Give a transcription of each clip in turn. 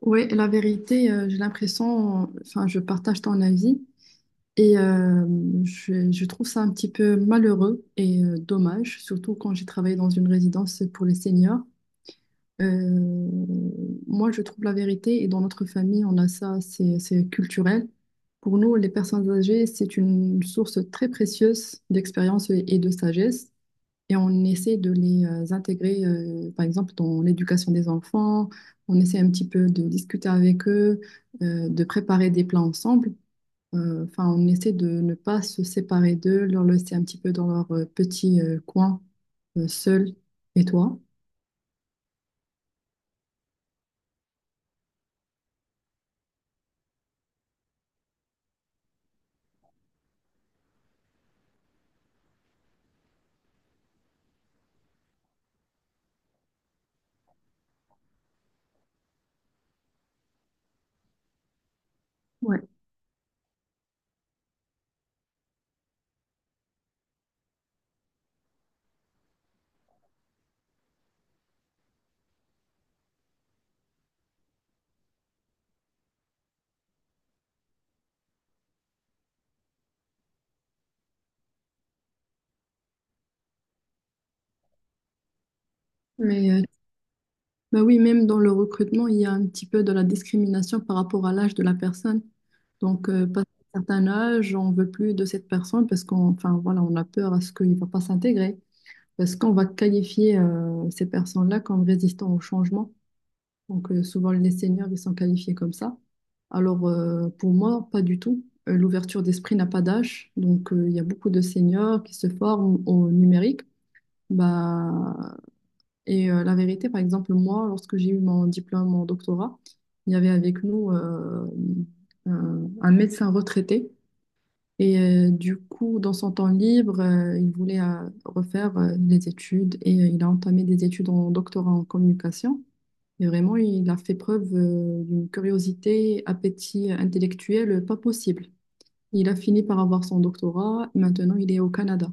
Oui, la vérité, j'ai l'impression, enfin, je partage ton avis et je trouve ça un petit peu malheureux et dommage, surtout quand j'ai travaillé dans une résidence pour les seniors. Euh, Moi, je trouve la vérité et dans notre famille, on a ça, c'est culturel. Pour nous, les personnes âgées, c'est une source très précieuse d'expérience et de sagesse et on essaie de les intégrer, par exemple, dans l'éducation des enfants. On essaie un petit peu de discuter avec eux, de préparer des plats ensemble. Enfin, on essaie de ne pas se séparer d'eux, leur laisser un petit peu dans leur petit coin, seul. Et toi? Ouais. Mais euh, Bah oui, même dans le recrutement, il y a un petit peu de la discrimination par rapport à l'âge de la personne. Donc, passé un certain âge, on veut plus de cette personne parce qu'on, enfin, voilà, on a peur à ce qu'il ne va pas s'intégrer. Est-ce qu'on va qualifier ces personnes-là comme résistants au changement? Donc, souvent, les seniors, ils sont qualifiés comme ça. Alors, pour moi, pas du tout. L'ouverture d'esprit n'a pas d'âge. Donc, il y a beaucoup de seniors qui se forment au numérique. Bah, et la vérité, par exemple, moi, lorsque j'ai eu mon diplôme en doctorat, il y avait avec nous un médecin retraité et du coup, dans son temps libre, il voulait refaire les études et il a entamé des études en doctorat en communication. Et vraiment, il a fait preuve d'une curiosité, appétit intellectuel pas possible. Il a fini par avoir son doctorat. Maintenant, il est au Canada.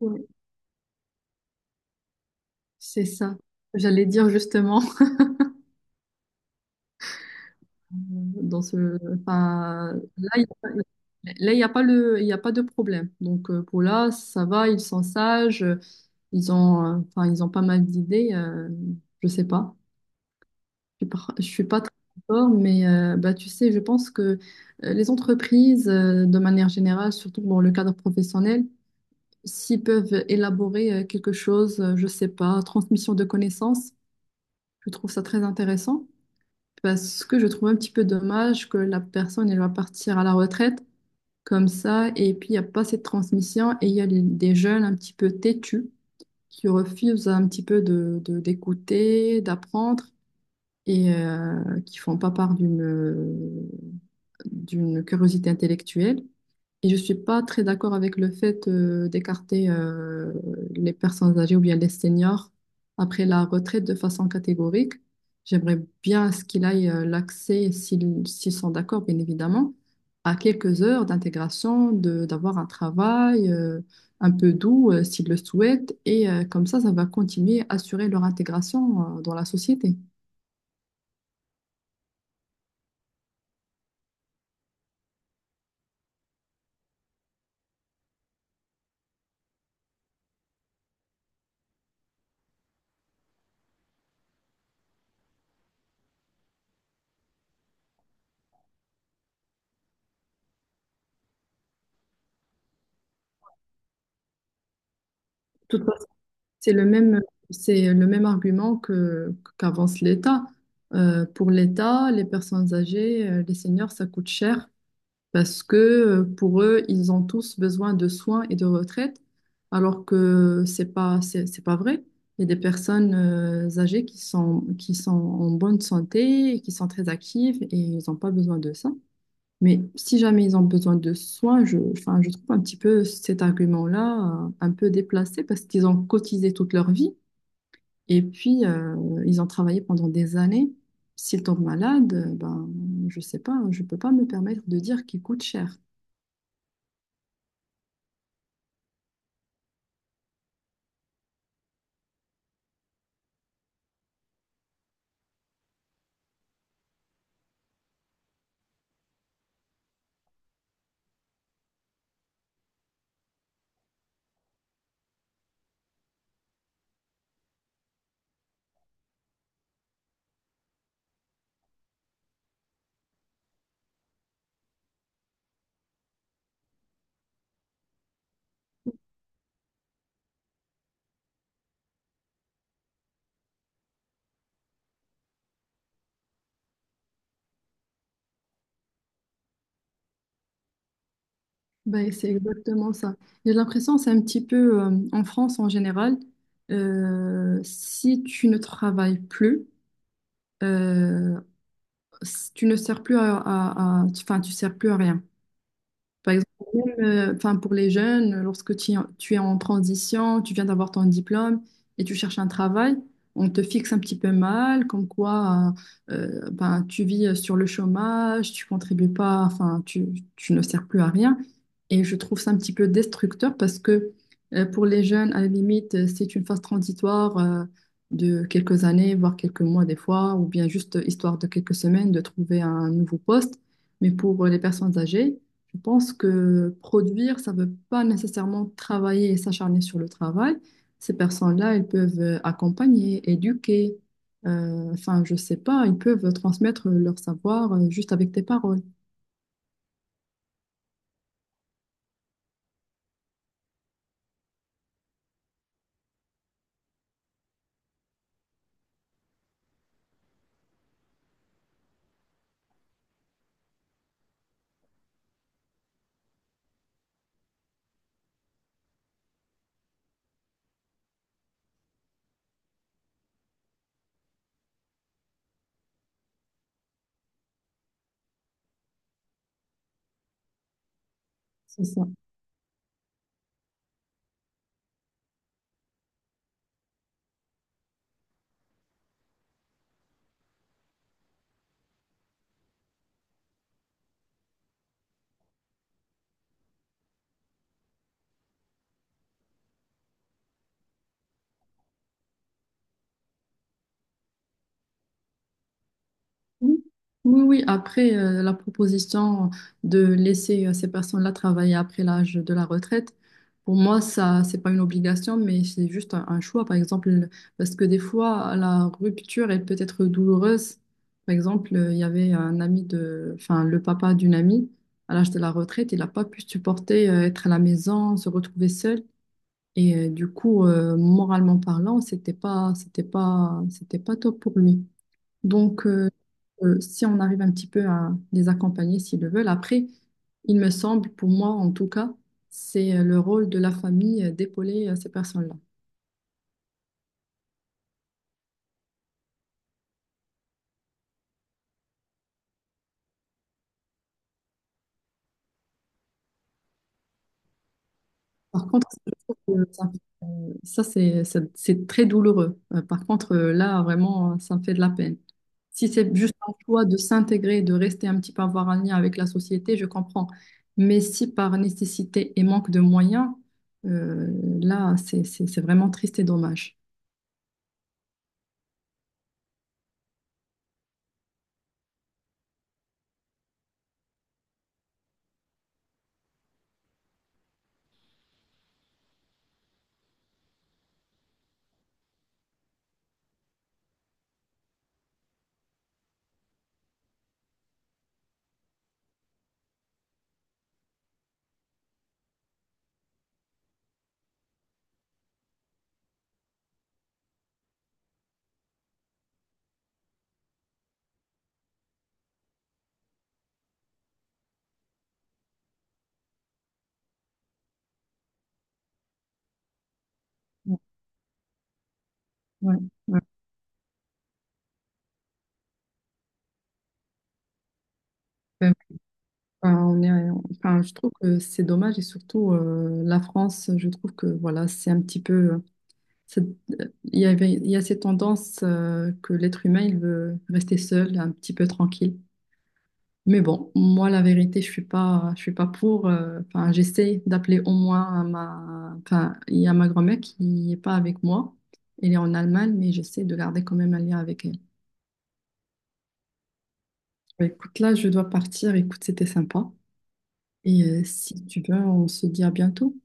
Ouais. C'est ça. J'allais dire justement. Dans ce, enfin, là, y a pas il y a pas de problème. Donc, pour là, ça va, ils sont sages, enfin, ils ont pas mal d'idées, je sais pas. Je suis pas très d'accord, mais bah, tu sais, je pense que les entreprises, de manière générale, surtout dans le cadre professionnel, s'ils peuvent élaborer quelque chose, je sais pas, transmission de connaissances, je trouve ça très intéressant parce que je trouve un petit peu dommage que la personne, elle va partir à la retraite comme ça, et puis il n'y a pas cette transmission, et il y a des jeunes un petit peu têtus qui refusent un petit peu de, d'écouter, d'apprendre, et qui font pas part d'une, d'une curiosité intellectuelle. Et je suis pas très d'accord avec le fait d'écarter les personnes âgées ou bien les seniors après la retraite de façon catégorique. J'aimerais bien à ce qu'il aille l'accès, s'ils sont d'accord, bien évidemment, à quelques heures d'intégration, de d'avoir un travail un peu doux s'ils le souhaitent. Et comme ça va continuer à assurer leur intégration dans la société. C'est le même, c'est le même argument qu'avance l'État. Pour l'État, les personnes âgées, les seniors, ça coûte cher parce que pour eux, ils ont tous besoin de soins et de retraite, alors que c'est pas vrai. Il y a des personnes âgées qui sont en bonne santé, et qui sont très actives et ils n'ont pas besoin de ça. Mais si jamais ils ont besoin de soins, je, enfin, je trouve un petit peu cet argument-là un peu déplacé parce qu'ils ont cotisé toute leur vie. Et puis, ils ont travaillé pendant des années. S'ils tombent malades, ben, je sais pas, je peux pas me permettre de dire qu'ils coûtent cher. Ben, c'est exactement ça. J'ai l'impression, c'est un petit peu, en France en général, si tu ne travailles plus, euh, si tu ne sers plus à, enfin, tu sers plus à rien. Par exemple, enfin, pour les jeunes, lorsque tu es en transition, tu viens d'avoir ton diplôme et tu cherches un travail, on te fixe un petit peu mal, comme quoi ben, tu vis sur le chômage, tu contribues pas, enfin, tu ne sers plus à rien. Et je trouve ça un petit peu destructeur parce que pour les jeunes, à la limite, c'est une phase transitoire de quelques années, voire quelques mois des fois, ou bien juste histoire de quelques semaines de trouver un nouveau poste. Mais pour les personnes âgées, je pense que produire, ça ne veut pas nécessairement travailler et s'acharner sur le travail. Ces personnes-là, elles peuvent accompagner, éduquer, enfin, je sais pas, ils peuvent transmettre leur savoir juste avec des paroles. C'est ça. Oui, oui, oui. Après, la proposition de laisser ces personnes-là travailler après l'âge de la retraite, pour moi, ça, c'est pas une obligation, mais c'est juste un choix, par exemple, parce que des fois, la rupture est peut-être douloureuse. Par exemple, il y avait un ami de, enfin, le papa d'une amie, à l'âge de la retraite, il n'a pas pu supporter être à la maison, se retrouver seul. Et du coup, moralement parlant, c'était pas top pour lui. Donc, si on arrive un petit peu à les accompagner s'ils le veulent. Après, il me semble, pour moi en tout cas, c'est le rôle de la famille d'épauler ces personnes-là. Par contre, je trouve que ça, c'est très douloureux. Par contre, là, vraiment, ça me fait de la peine. Si c'est juste un choix de s'intégrer, de rester un petit peu, avoir un lien avec la société, je comprends. Mais si par nécessité et manque de moyens, euh, là, c'est vraiment triste et dommage. Ouais, ouais. Ouais. Enfin, on est, enfin, je trouve que c'est dommage et surtout la France, je trouve que voilà, c'est un petit peu, c'est- il y avait, il y a cette tendance que l'être humain il veut rester seul, un petit peu tranquille. Mais bon, moi la vérité, je suis pas pour. Enfin, j'essaie d'appeler au moins à ma, enfin, il y a ma grand-mère qui est pas avec moi. Elle est en Allemagne, mais j'essaie de garder quand même un lien avec elle. Bah, écoute, là, je dois partir. Écoute, c'était sympa. Et si tu veux, on se dit à bientôt.